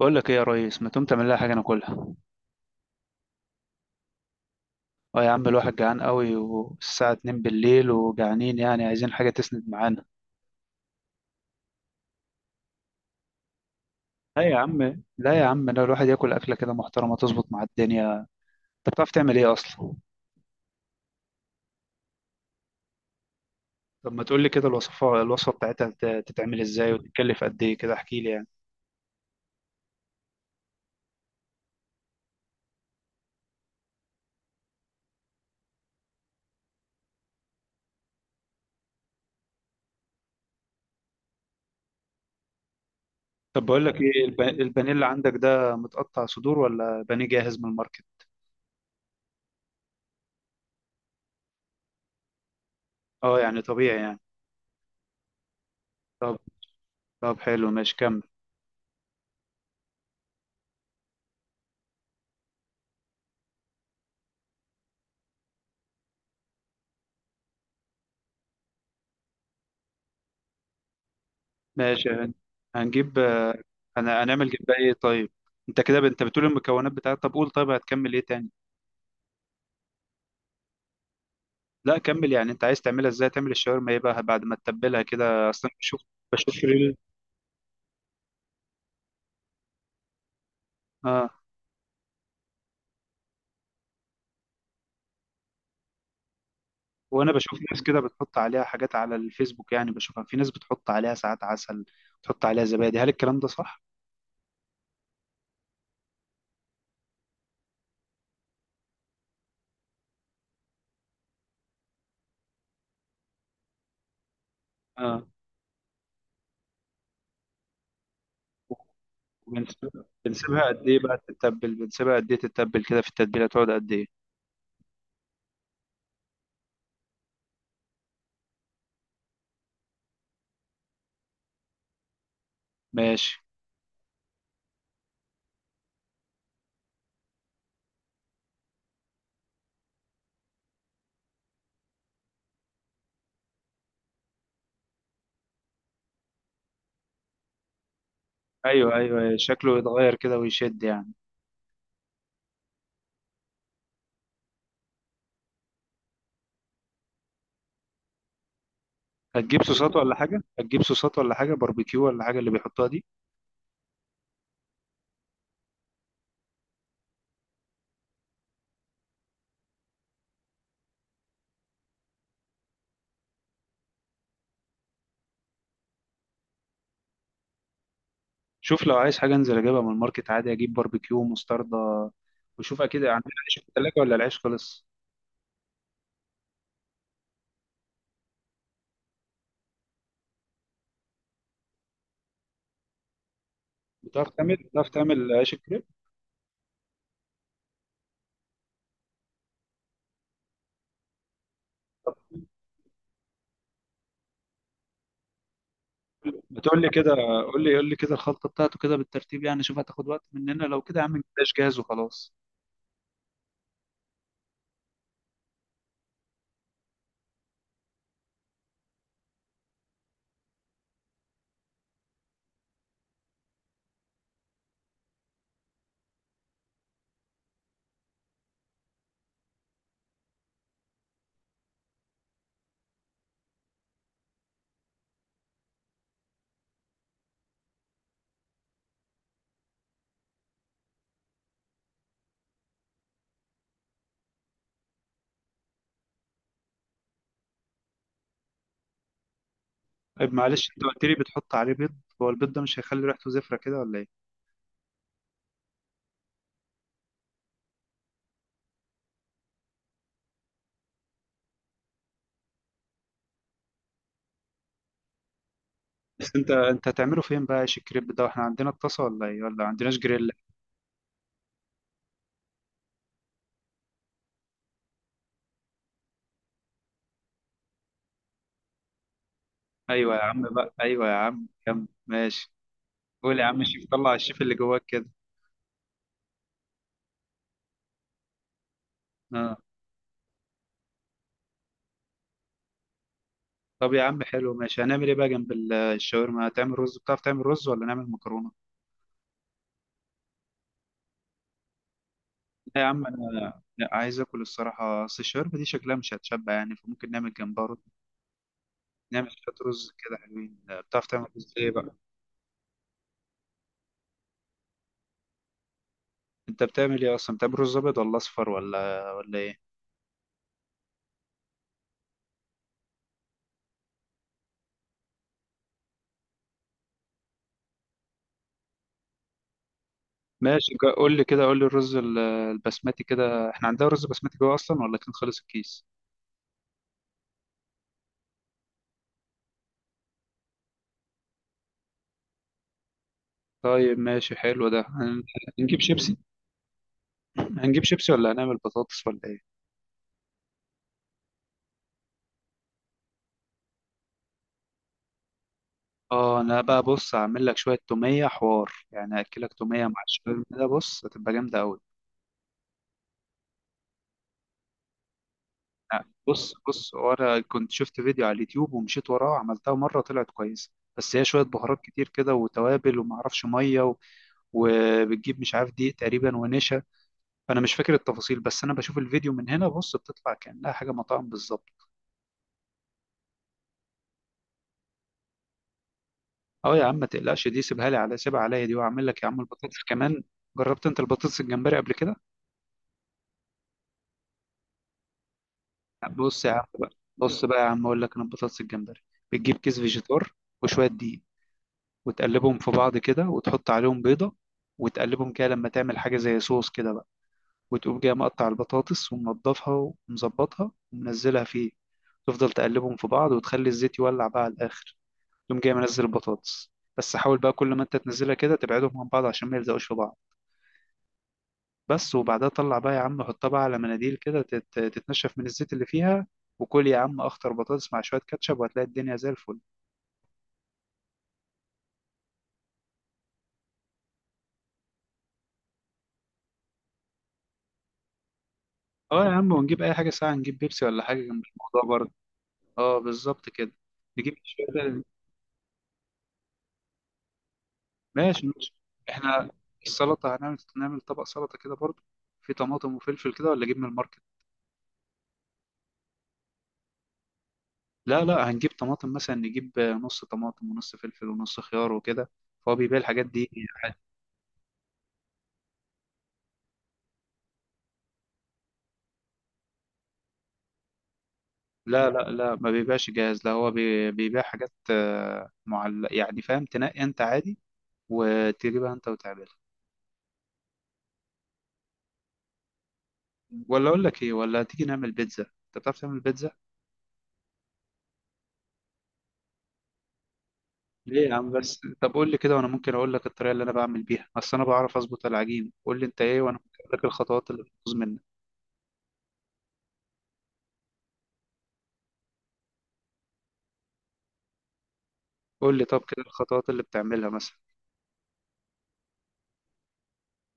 بقول لك ايه يا ريس، ما تقوم تعمل لها حاجه ناكلها؟ اه يا عم، الواحد جعان قوي والساعه 2 بالليل وجعانين، يعني عايزين حاجه تسند معانا. لا يا عم، لا يا عم، لا، الواحد ياكل اكله كده محترمه تظبط مع الدنيا. انت بتعرف تعمل ايه اصلا؟ طب ما تقول لي كده، الوصفه بتاعتها تتعمل ازاي وتتكلف قد ايه كده؟ احكي لي يعني. طب بقول لك ايه، البانيه اللي عندك ده متقطع صدور ولا بانيه جاهز من الماركت؟ اه يعني طبيعي يعني. طب، حلو ماشي، كمل. ماشي، هنجيب انا هنعمل جنبها ايه طيب؟ انت كده انت بتقول المكونات بتاعتها، طب قول طيب، هتكمل ايه تاني؟ لا كمل يعني، انت عايز تعملها ازاي؟ تعمل الشاورما ايه بقى بعد ما تتبلها كده اصلا؟ بشوف ريل، اه. وانا بشوف ناس كده بتحط عليها حاجات على الفيسبوك، يعني بشوفها في ناس بتحط عليها ساعات عسل، بتحط عليها زبادي، هل الكلام ده صح؟ اه. وبنسيبها قد ايه بقى تتبل؟ بنسيبها قد ايه تتبل كده في التتبيله، تقعد قد ايه؟ ماشي. ايوه ايوه، شكله يتغير كده ويشد يعني. هتجيب صوصات ولا حاجة؟ باربيكيو ولا حاجة اللي بيحطها دي؟ شوف لو عايز حاجة انزل اجيبها من الماركت عادي، اجيب باربيكيو ومستردة. وشوف اكيد عندنا عيش في التلاجة ولا العيش خلص؟ بتعرف تعمل عيش الكريب؟ طب ما تقول لي كده، قول لي كده الخلطة بتاعته كده بالترتيب يعني، شوف هتاخد وقت مننا لو كده؟ يا عم جلاش جاهز وخلاص. طيب معلش، انت قلت لي بتحط عليه بيض، هو البيض ده مش هيخلي ريحته زفرة كده ولا ايه؟ بس انت، هتعمله فين بقى عيش الكريب ده؟ احنا عندنا الطاسة ولا ايه؟ ولا عندناش جريل؟ ايوه يا عم بقى، ايوه يا عم، كمل ماشي. قول يا عم الشيف، طلع الشيف اللي جواك كده. اه. طب يا عم حلو ماشي، هنعمل ايه بقى جنب الشاورما؟ هتعمل رز؟ بتعرف تعمل رز ولا نعمل مكرونه؟ لا يا عم، انا لا عايز اكل الصراحه، اصل الشاورما دي شكلها مش هتشبع يعني، فممكن نعمل جنبها رز. نعمل شويه رز كده حلوين، بتعرف تعمل رز ايه بقى؟ انت بتعمل ايه اصلا؟ بتعمل رز ابيض ولا اصفر ولا ايه؟ ماشي، قول لي كده، قول لي الرز البسمتي كده، احنا عندنا رز بسمتي جوه اصلا ولا كان خلص الكيس؟ طيب ماشي حلو، ده هنجيب شيبسي؟ ولا هنعمل بطاطس ولا ايه؟ اه انا بقى بص، هعمل لك شويه توميه حوار، يعني هاكلك توميه مع الشاورما ده، بص هتبقى جامده قوي. بص، وانا كنت شفت فيديو على اليوتيوب ومشيت وراه، عملتها مره طلعت كويسه، بس هي شويه بهارات كتير كده وتوابل وما اعرفش، ميه وبتجيب، مش عارف، دقيق تقريبا ونشا، فانا مش فاكر التفاصيل، بس انا بشوف الفيديو من هنا، بص بتطلع كانها حاجه مطاعم بالظبط. اه يا عم ما تقلقش، دي سيبها لي على، سيبها عليا دي، واعمل لك يا عم البطاطس كمان. جربت انت البطاطس الجمبري قبل كده؟ بص يا عم بقى بص بقى يا عم اقول لك انا البطاطس الجمبري، بتجيب كيس فيجيتار وشويه دقيق، وتقلبهم في بعض كده وتحط عليهم بيضه، وتقلبهم كده لما تعمل حاجه زي صوص كده بقى، وتقوم جاي مقطع البطاطس ومنضفها ومظبطها ومنزلها فيه، تفضل تقلبهم في بعض وتخلي الزيت يولع بقى على الاخر، تقوم جاي منزل البطاطس، بس حاول بقى كل ما انت تنزلها كده تبعدهم عن بعض عشان ما يلزقوش في بعض، بس. وبعدها طلع بقى يا عم، حطها بقى على مناديل كده تتنشف من الزيت اللي فيها، وكل يا عم اخطر بطاطس مع شويه كاتشب وهتلاقي الدنيا زي الفل. اه يا عم، ونجيب اي حاجه ساعه، نجيب بيبسي ولا حاجه جنب الموضوع برضه. اه بالظبط كده، نجيب شويه. ماشي ماشي. احنا السلطه نعمل طبق سلطه كده برضه، في طماطم وفلفل كده ولا اجيب من الماركت؟ لا لا، هنجيب طماطم مثلا، نجيب نص طماطم ونص فلفل ونص خيار وكده، فهو بيبيع الحاجات دي يعني. لا لا لا، ما بيبقاش جاهز، لا هو بيبيع حاجات، معلقة يعني، فاهم، تنقي انت عادي وتجيبها انت وتعملها. ولا اقول لك ايه، ولا تيجي نعمل بيتزا؟ انت بتعرف تعمل بيتزا؟ ليه يا عم بس؟ طب قول لي كده وانا ممكن اقول لك الطريقه اللي انا بعمل بيها، اصل انا بعرف اظبط العجين، قول لي انت ايه وانا ممكن اقول لك الخطوات اللي بتبوظ منك. قول لي طب كده الخطوات اللي بتعملها مثلا.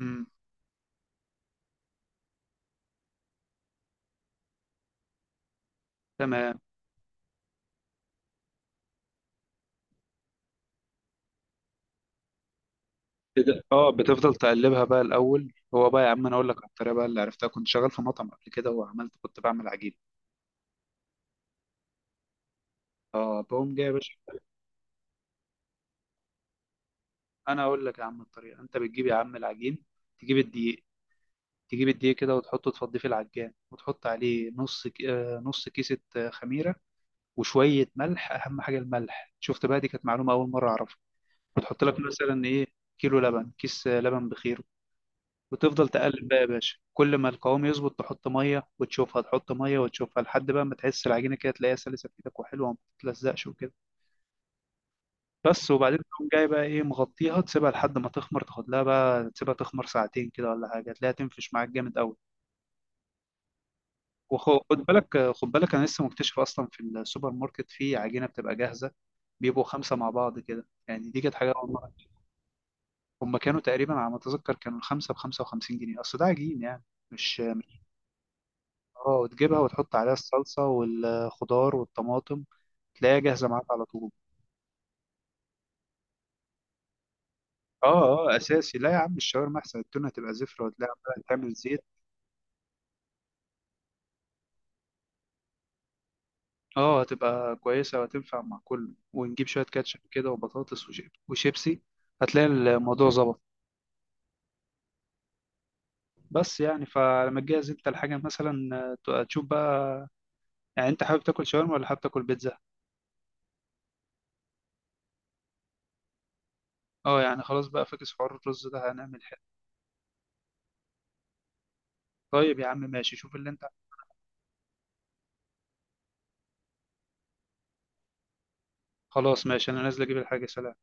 امم تمام كده، اه بتفضل تقلبها بقى الاول. هو بقى يا عم، انا اقول لك على الطريقه بقى اللي عرفتها، كنت شغال في مطعم قبل كده وعملت، كنت بعمل عجين. اه بقوم جاي يا باشا، انا اقول لك يا عم الطريقه، انت بتجيب يا عم العجين، تجيب الدقيق تجيب الدقيق كده وتحطه تفضيه في العجان، وتحط عليه نص نص كيسه خميره، وشويه ملح، اهم حاجه الملح، شفت بقى، دي كانت معلومه اول مره اعرفها، وتحط لك مثلا ايه، كيلو لبن، كيس لبن بخير. وتفضل تقلب بقى يا باشا، كل ما القوام يظبط تحط ميه وتشوفها، تحط ميه وتشوفها، لحد بقى ما تحس العجينه كده تلاقيها سلسه في ايدك وحلوه وما بتتلزقش وكده، بس. وبعدين تقوم جاي بقى ايه مغطيها، تسيبها لحد ما تخمر، تاخد لها بقى، تسيبها تخمر ساعتين كده ولا حاجه، تلاقيها تنفش معاك جامد قوي. وخد بالك، خد بالك انا لسه مكتشف اصلا في السوبر ماركت في عجينه بتبقى جاهزه، بيبقوا خمسه مع بعض كده يعني، دي كانت حاجه اول مره. هم كانوا تقريبا على ما اتذكر كانوا الخمسه ب 55 جنيه، اصل ده عجين يعني، مش. اه، وتجيبها وتحط عليها الصلصه والخضار والطماطم، تلاقيها جاهزه معاك على طول. اه اه اساسي، لا يا عم الشاورما احسن، التونه تبقى زفره وتلاقيها عمالة تعمل زيت. اه هتبقى كويسة وهتنفع مع كله، ونجيب شوية كاتشب كده وبطاطس وشيبسي، هتلاقي الموضوع ظبط. بس يعني، فلما تجهز انت الحاجة مثلا، تشوف بقى، يعني انت حابب تاكل شاورما ولا حابب تاكل بيتزا؟ اه يعني خلاص بقى، فاكس حوار الرز ده، هنعمل حاجة؟ طيب يا عم ماشي، شوف اللي انت، خلاص ماشي، انا نازل اجيب الحاجة. سلام.